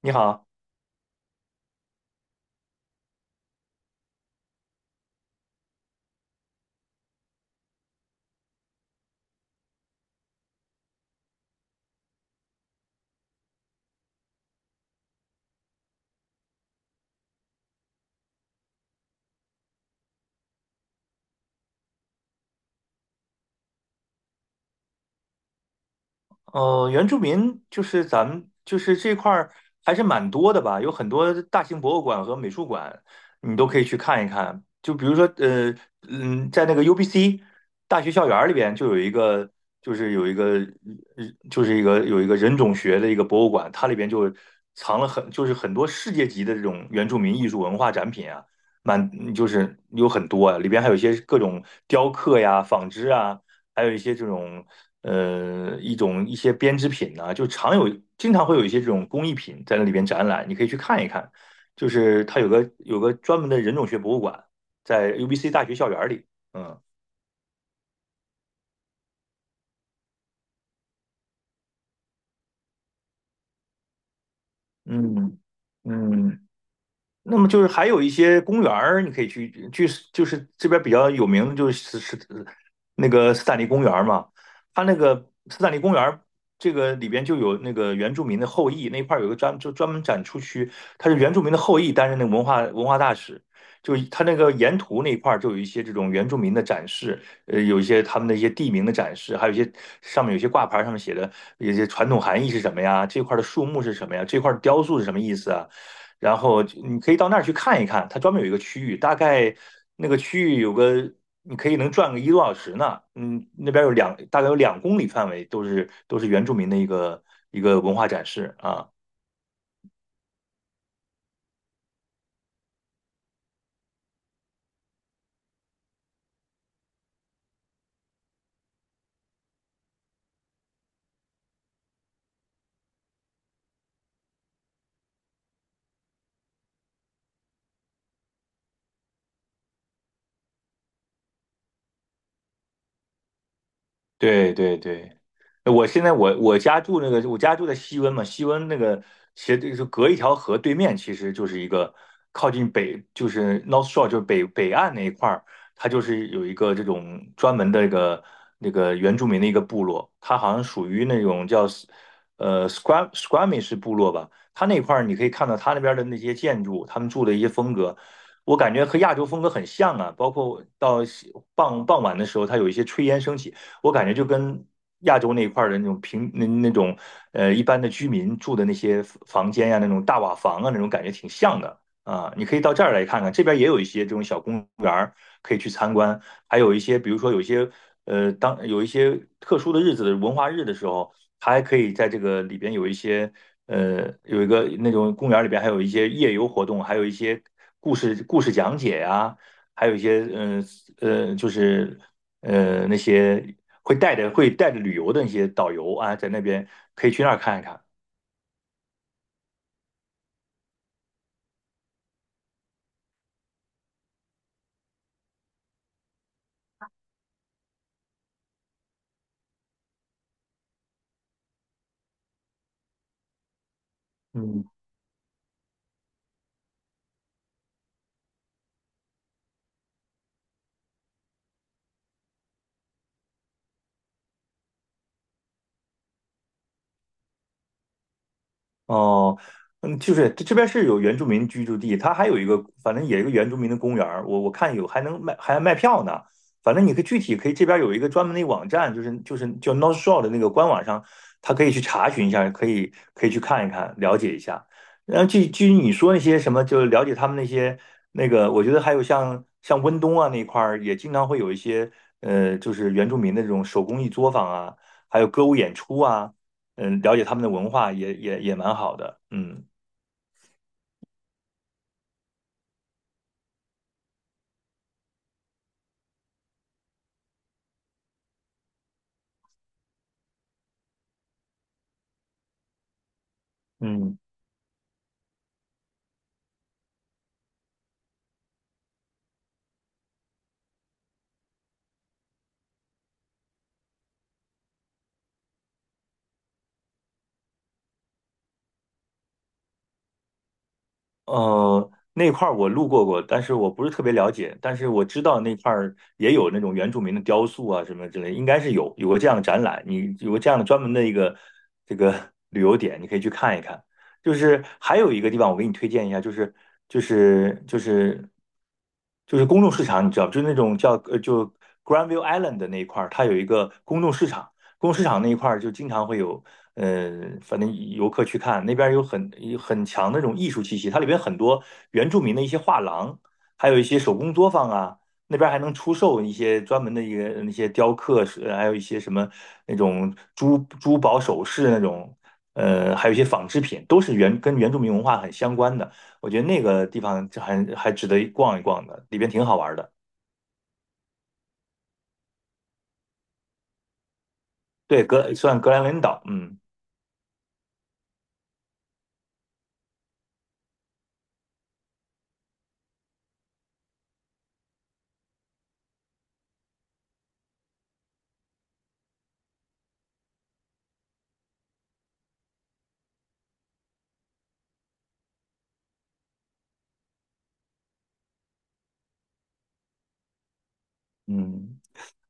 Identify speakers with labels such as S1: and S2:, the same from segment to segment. S1: 你好。原住民就是咱们就是这块儿还是蛮多的吧，有很多大型博物馆和美术馆，你都可以去看一看。就比如说，在那个 UBC 大学校园儿里边就有一个，就是有一个，人种学的一个博物馆，它里边就藏了很就是很多世界级的这种原住民艺术文化展品啊，蛮就是有很多啊，里边还有一些各种雕刻呀、纺织啊。还有一些这种一些编织品呐、就常有经常会有一些这种工艺品在那里边展览，你可以去看一看。就是它有个专门的人种学博物馆，在 UBC 大学校园里。嗯嗯嗯。那么就是还有一些公园儿，你可以去去，就是这边比较有名的就是那个斯坦利公园儿嘛，它那个斯坦利公园儿这个里边就有那个原住民的后裔那一块儿有个专门展出区，它是原住民的后裔担任那个文化大使，就它那个沿途那一块儿就有一些这种原住民的展示，有一些他们的一些地名的展示，还有一些上面有些挂牌上面写的有些传统含义是什么呀，这块儿的树木是什么呀，这块儿的雕塑是什么意思啊。然后你可以到那儿去看一看，它专门有一个区域，大概那个区域你可以转个一个多小时呢。嗯，那边大概有两公里范围都是原住民的一个一个文化展示啊。对对对。我现在我我家住那个，我家住在西温嘛，西温那个斜对就隔一条河，对面其实就是一个靠近北，就是 North Shore,就是北岸那一块儿，它就是有一个这种专门的一个那个原住民的一个部落，它好像属于那种叫Squamish 部落吧，它那块儿你可以看到它那边的那些建筑，他们住的一些风格，我感觉和亚洲风格很像啊，包括到傍晚的时候，它有一些炊烟升起。我感觉就跟亚洲那一块儿的那种一般的居民住的那些房间呀、那种大瓦房啊那种感觉挺像的啊。你可以到这儿来看看，这边也有一些这种小公园儿可以去参观，还有一些比如说有一些当有一些特殊的日子的文化日的时候，它还可以在这个里边有一些。有一个那种公园里边还有一些夜游活动，还有一些故事讲解呀、还有一些就是那些会带着旅游的那些导游啊，在那边可以去那儿看一看。嗯哦。就是这边是有原住民居住地，它还有一个，反正也有一个原住民的公园儿，我看有还卖票呢。反正你可以具体可以这边有一个专门的网站，就是叫 North Shore 的那个官网上，它可以去查询一下，可以去看一看，了解一下。然后至于你说那些什么，就是了解他们那些那个，我觉得还有像温东啊那一块儿，也经常会有一些就是原住民的这种手工艺作坊啊，还有歌舞演出啊。了解他们的文化也蛮好的。嗯嗯。那块儿我路过过，但是我不是特别了解，但是我知道那块儿也有那种原住民的雕塑啊什么之类，应该是有个这样的展览，你有个这样的专门的一个这个旅游点，你可以去看一看。就是还有一个地方，我给你推荐一下，就是就是就是公众市场，你知道，就是那种叫Granville Island 的那一块儿，它有一个公众市场，公众市场那一块儿就经常会有。反正游客去看那边有很强的那种艺术气息，它里边很多原住民的一些画廊，还有一些手工作坊啊，那边还能出售一些专门的一个那些雕刻，还有一些什么那种珠宝首饰那种，还有一些纺织品，都是跟原住民文化很相关的。我觉得那个地方还值得逛一逛的，里边挺好玩的。对，格兰文岛。嗯嗯。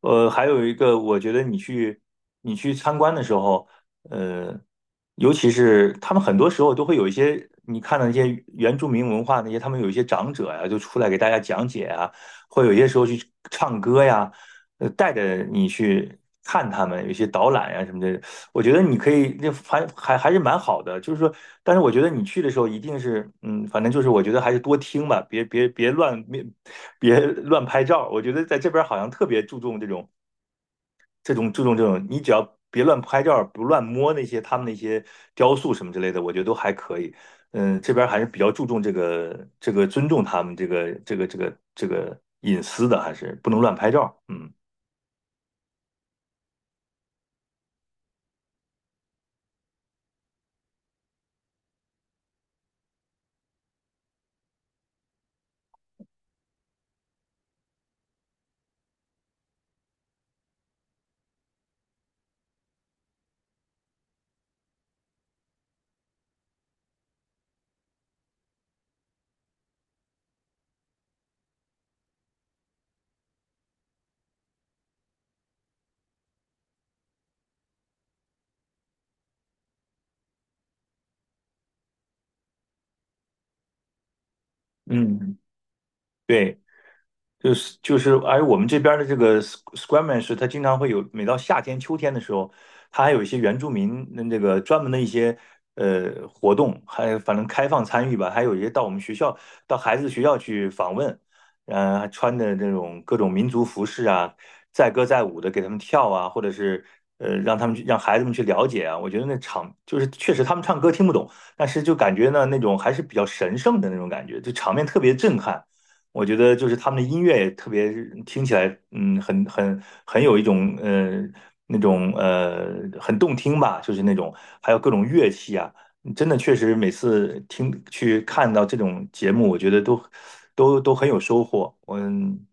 S1: 还有一个，我觉得你去参观的时候，呃，尤其是他们很多时候都会有一些你看到那些原住民文化那些，他们有一些长者呀、就出来给大家讲解啊，会有一些时候去唱歌呀，带着你去看他们，有一些导览呀、什么的，我觉得你可以，那还是蛮好的，就是说，但是我觉得你去的时候一定是，反正就是我觉得还是多听吧，别乱，别乱拍照。我觉得在这边好像特别注重这种，你只要别乱拍照，不乱摸那些他们那些雕塑什么之类的，我觉得都还可以。这边还是比较注重这个尊重他们这个隐私的，还是不能乱拍照。嗯嗯。对。就是，而我们这边儿的这个 Squamish 他经常会有，每到夏天、秋天的时候，他还有一些原住民那这个专门的一些活动，还有反正开放参与吧，还有一些到我们学校，到孩子学校去访问，还穿的这种各种民族服饰啊，载歌载舞的给他们跳啊，或者是让他们去让孩子们去了解啊，我觉得那场就是确实他们唱歌听不懂，但是就感觉呢那种还是比较神圣的那种感觉，就场面特别震撼。我觉得就是他们的音乐也特别听起来，很有一种那种很动听吧，就是那种还有各种乐器啊，真的确实每次听去看到这种节目，我觉得都很有收获。嗯。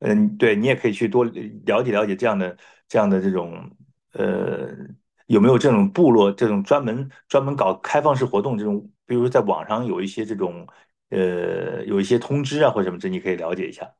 S1: 嗯。对，你也可以去多了解了解这样的这种，呃，有没有这种部落这种专门搞开放式活动这种，比如在网上有一些这种，有一些通知啊或者什么这，你可以了解一下。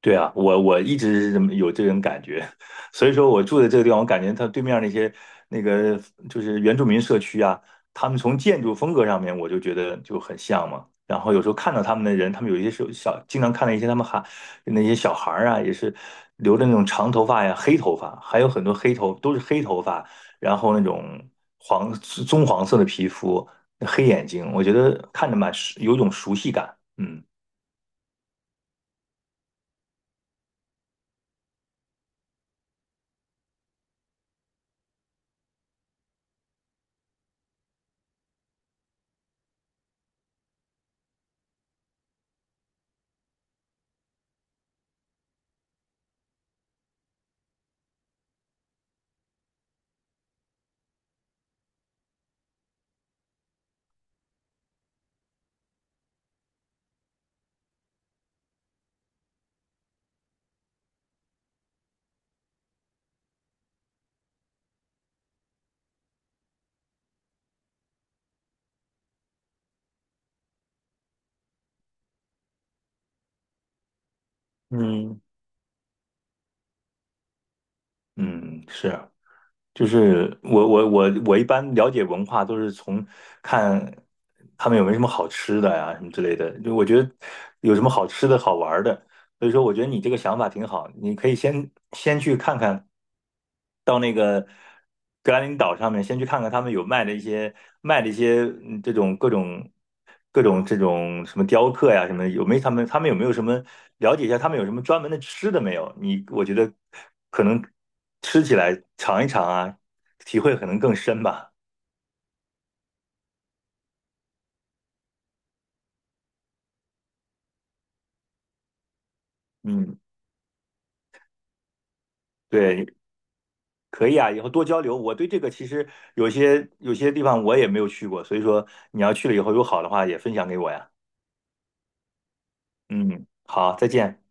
S1: 对啊，我一直是这么有这种感觉，所以说我住的这个地方，我感觉它对面儿那些那个就是原住民社区啊，他们从建筑风格上面，我就觉得就很像嘛。然后有时候看到他们的人，他们有一些时候小，经常看到一些他们还那些小孩儿啊，也是留着那种长头发呀、黑头发，还有很多都是黑头发，然后那种黄色的皮肤、黑眼睛，我觉得看着蛮有一种熟悉感。嗯嗯。嗯。是。就是我一般了解文化都是从看他们有没有什么好吃的呀、什么之类的。就我觉得有什么好吃的好玩儿的，所以说，我觉得你这个想法挺好，你可以先去看看，到那个格兰林岛上面先去看看他们有卖的一些这种各种这种什么雕刻呀什么的有没有他们他们有没有什么了解一下他们有什么专门的吃的没有？你我觉得可能吃起来尝一尝啊，体会可能更深吧。嗯。对，可以啊，以后多交流。我对这个其实有些地方我也没有去过，所以说你要去了以后有好的话也分享给我呀。嗯，好，再见。